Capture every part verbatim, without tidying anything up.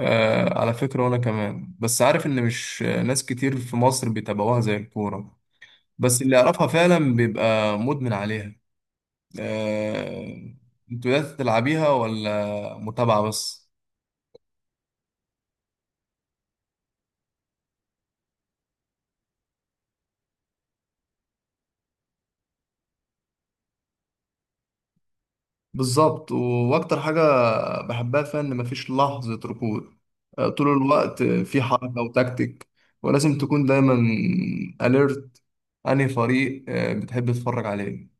آه، على فكرة وأنا كمان بس عارف إن مش ناس كتير في مصر بيتابعوها زي الكورة. بس اللي يعرفها فعلا بيبقى مدمن عليها. آه. أنتوا يا تلعبيها ولا متابعة بس؟ بالظبط، و- وأكتر حاجة بحبها فيها إن مفيش لحظة ركود. آه، طول الوقت في حركة وتكتيك، ولازم تكون دايما أليرت. أنهي فريق آه بتحب تتفرج عليه؟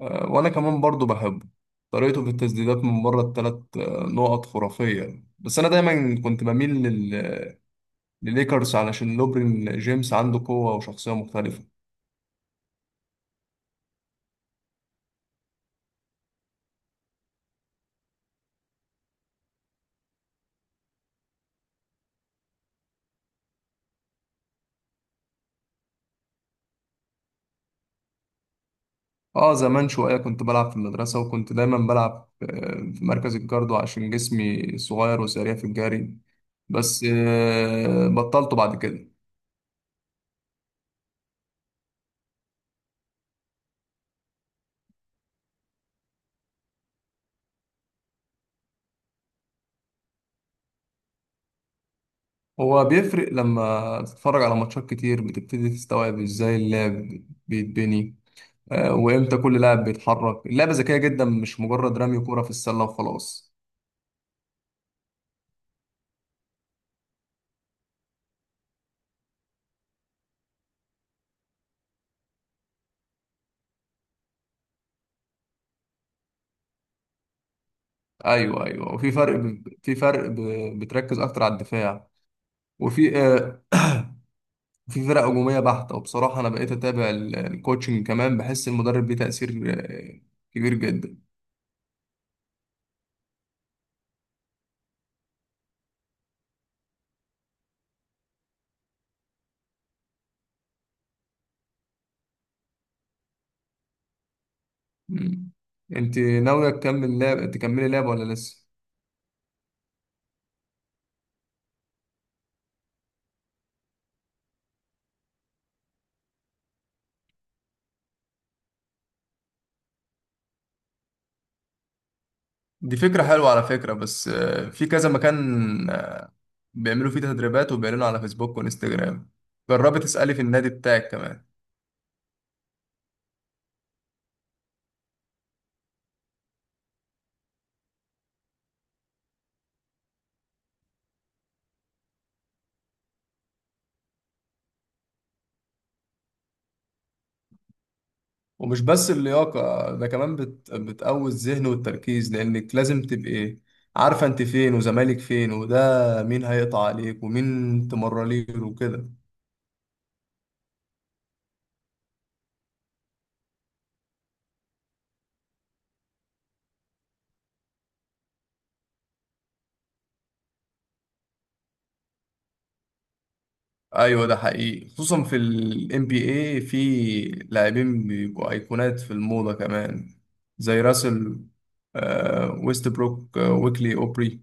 آه، وانا كمان برضو بحبه، طريقته في التسديدات من بره الثلاث نقط خرافية. بس انا دايما كنت بميل لل... لليكرز علشان لوبرين جيمس عنده قوة وشخصية مختلفة. اه، زمان شوية كنت بلعب في المدرسة، وكنت دايما بلعب آه، في مركز الجاردو عشان جسمي صغير وسريع في الجري. بس آه، بطلته بعد كده. هو بيفرق لما تتفرج على ماتشات كتير بتبتدي تستوعب ازاي اللعب بيتبني. آه، وامتى كل لاعب بيتحرك. اللعبه ذكيه جدا، مش مجرد رمي كوره في السله وخلاص. ايوه، ايوه، وفي فرق ب... في فرق ب... بتركز اكتر على الدفاع. وفي آه، في فرق هجوميه بحته، وبصراحه انا بقيت اتابع ال- الكوتشنج كمان، بحس المدرب ليه تاثير آه، كبير جدا. مم. انت ناويه تكمل لعب تكملي لعب ولا لسه؟ دي فكرة حلوة على فكرة، بس آه، في كذا مكان آه، بيعملوا فيه تدريبات وبيعلنوا على فيسبوك وانستجرام. جربي تسألي في النادي بتاعك كمان. ومش بس اللياقة، ده كمان بت... بتقوي الذهن والتركيز، لأنك لازم تبقي عارفة أنت فين وزمالك فين، وده مين هيقطع عليك ومين تمرليله وكده. أيوة، ده حقيقي خصوصا في ال إن بي إيه، في لاعبين بيبقوا أيقونات في الموضة كمان، زي راسل آه، ويست بروك آه، ويكلي أوبري.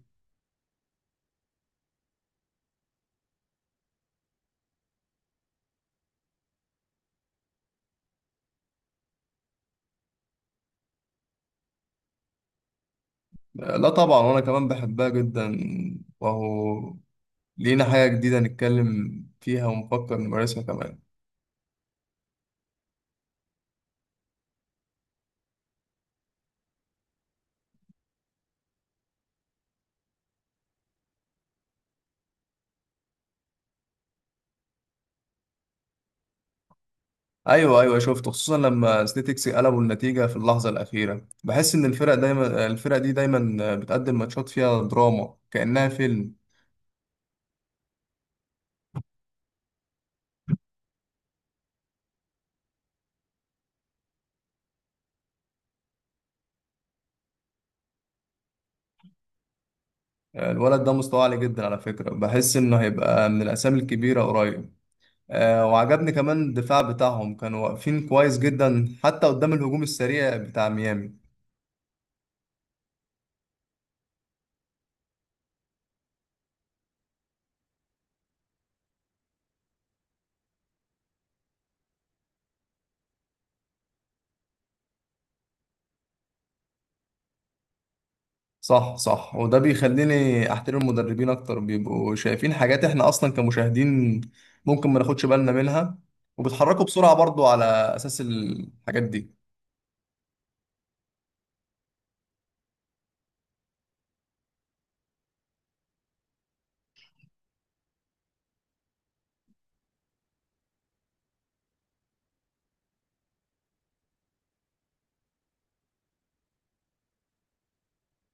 آه، لا طبعا، وأنا كمان بحبها جدا، وهو لينا حاجة جديدة نتكلم فيها ونفكر نمارسها كمان. ايوه، ايوه، شفته خصوصا لما سنيتكس قلبوا النتيجه في اللحظه الاخيره، بحس ان الفرق دايما الفرق دي دايما بتقدم ماتشات فيها دراما كانها فيلم. الولد ده مستوى عالي جدا على فكره، بحس انه هيبقى من الاسامي الكبيره قريب. آه، وعجبني كمان الدفاع بتاعهم، كانوا واقفين كويس جدا حتى قدام الهجوم السريع بتاع ميامي. صح، صح، وده بيخليني احترم المدربين اكتر، بيبقوا شايفين حاجات احنا اصلا كمشاهدين ممكن ما ناخدش بالنا منها، وبيتحركوا بسرعة برضو على اساس الحاجات دي.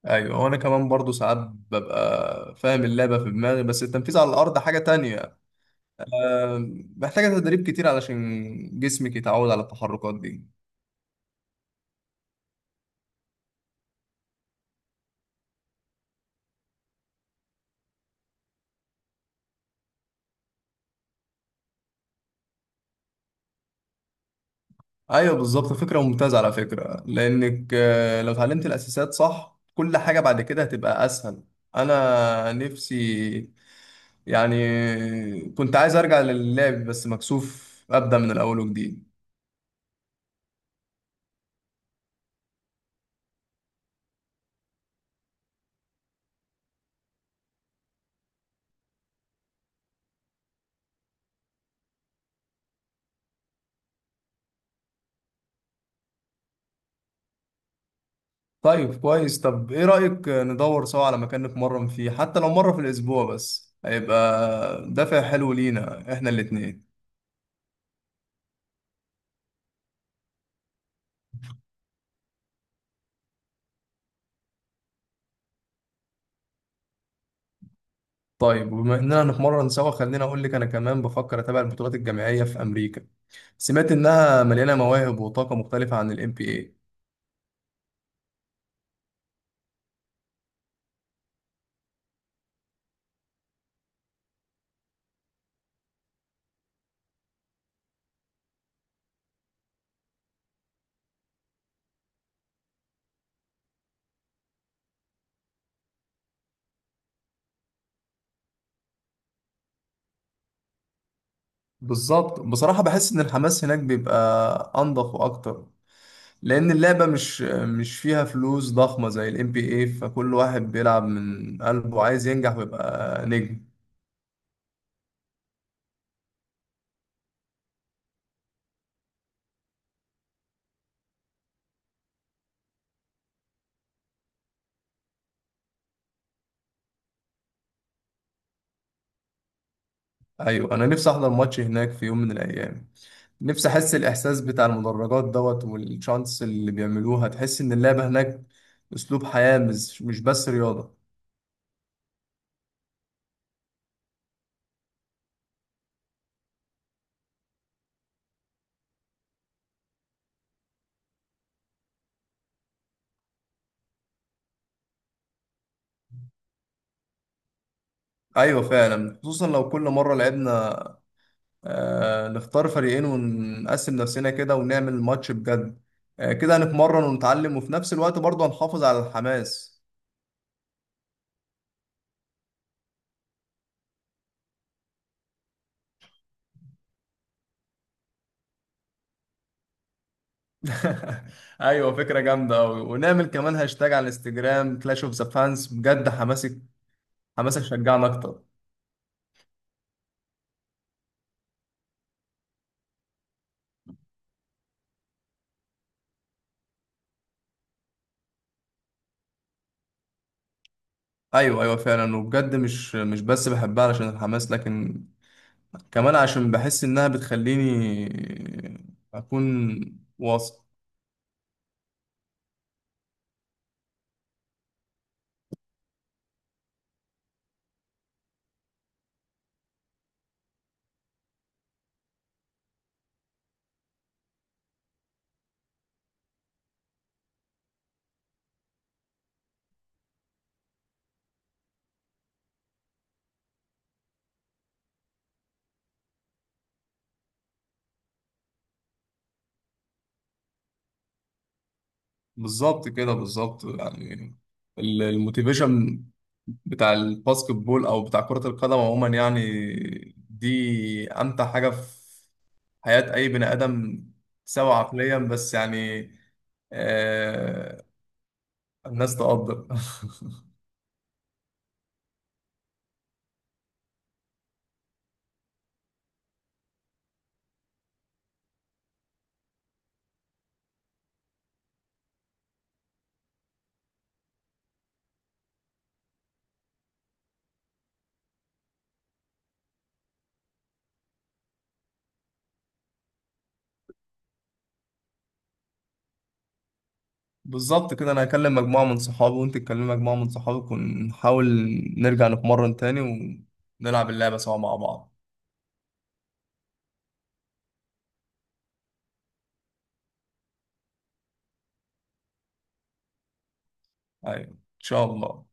ايوه، وانا كمان برضو ساعات ببقى فاهم اللعبة في دماغي، بس التنفيذ على الارض حاجة تانية. محتاجة تدريب كتير علشان جسمك يتعود على التحركات دي. ايوه بالظبط، فكرة ممتازة على فكرة، لانك آه، لو اتعلمت الاساسات صح كل حاجة بعد كده هتبقى اسهل. انا نفسي يعني كنت عايز ارجع للعب، بس مكسوف ابدا من الاول وجديد. طيب كويس، طب ايه رايك ندور سوا على مكان نتمرن فيه، حتى لو مره في الاسبوع، بس هيبقى دافع حلو لينا احنا الاتنين. طيب، وبما اننا نتمرن سوا، خليني اقول لك انا كمان بفكر اتابع البطولات الجامعيه في امريكا. سمعت انها مليانه مواهب وطاقه مختلفه عن الام بي اي. بالظبط، بصراحه بحس ان الحماس هناك بيبقى انضف واكتر، لان اللعبه مش مش فيها فلوس ضخمه زي الام بي اي، فكل واحد بيلعب من قلبه عايز ينجح ويبقى نجم. ايوه، انا نفسي احضر ماتش هناك في يوم من الايام. نفسي احس الاحساس بتاع المدرجات دوت والشانس اللي بيعملوها، تحس ان اللعبه هناك اسلوب حياه، مش مش بس رياضه. ايوه، فعلا، خصوصا لو كل مره لعبنا آه نختار فريقين ونقسم نفسنا كده ونعمل ماتش بجد. آه كده هنتمرن ونتعلم، وفي نفس الوقت برضه هنحافظ على الحماس. ايوه، فكره جامده قوي، ونعمل كمان هاشتاج على الانستجرام كلاش اوف ذا فانز، بجد حماسك حماسك شجعنا اكتر. ايوه، ايوه، فعلا، وبجد مش مش بس بحبها علشان الحماس، لكن كمان عشان بحس انها بتخليني اكون واثق. بالظبط كده بالظبط يعني، ال- الموتيفيشن بتاع الباسكت بول او بتاع كرة القدم عموما يعني دي امتع حاجة في حياة اي بني ادم. سواء عقليا بس يعني، آه. الناس تقدر. بالظبط كده، انا هكلم مجموعة من صحابي وانت تكلم مجموعة من صحابك، ونحاول نرجع نتمرن تاني، ونلعب اللعبة سوا مع بعض. ايوه ان شاء الله.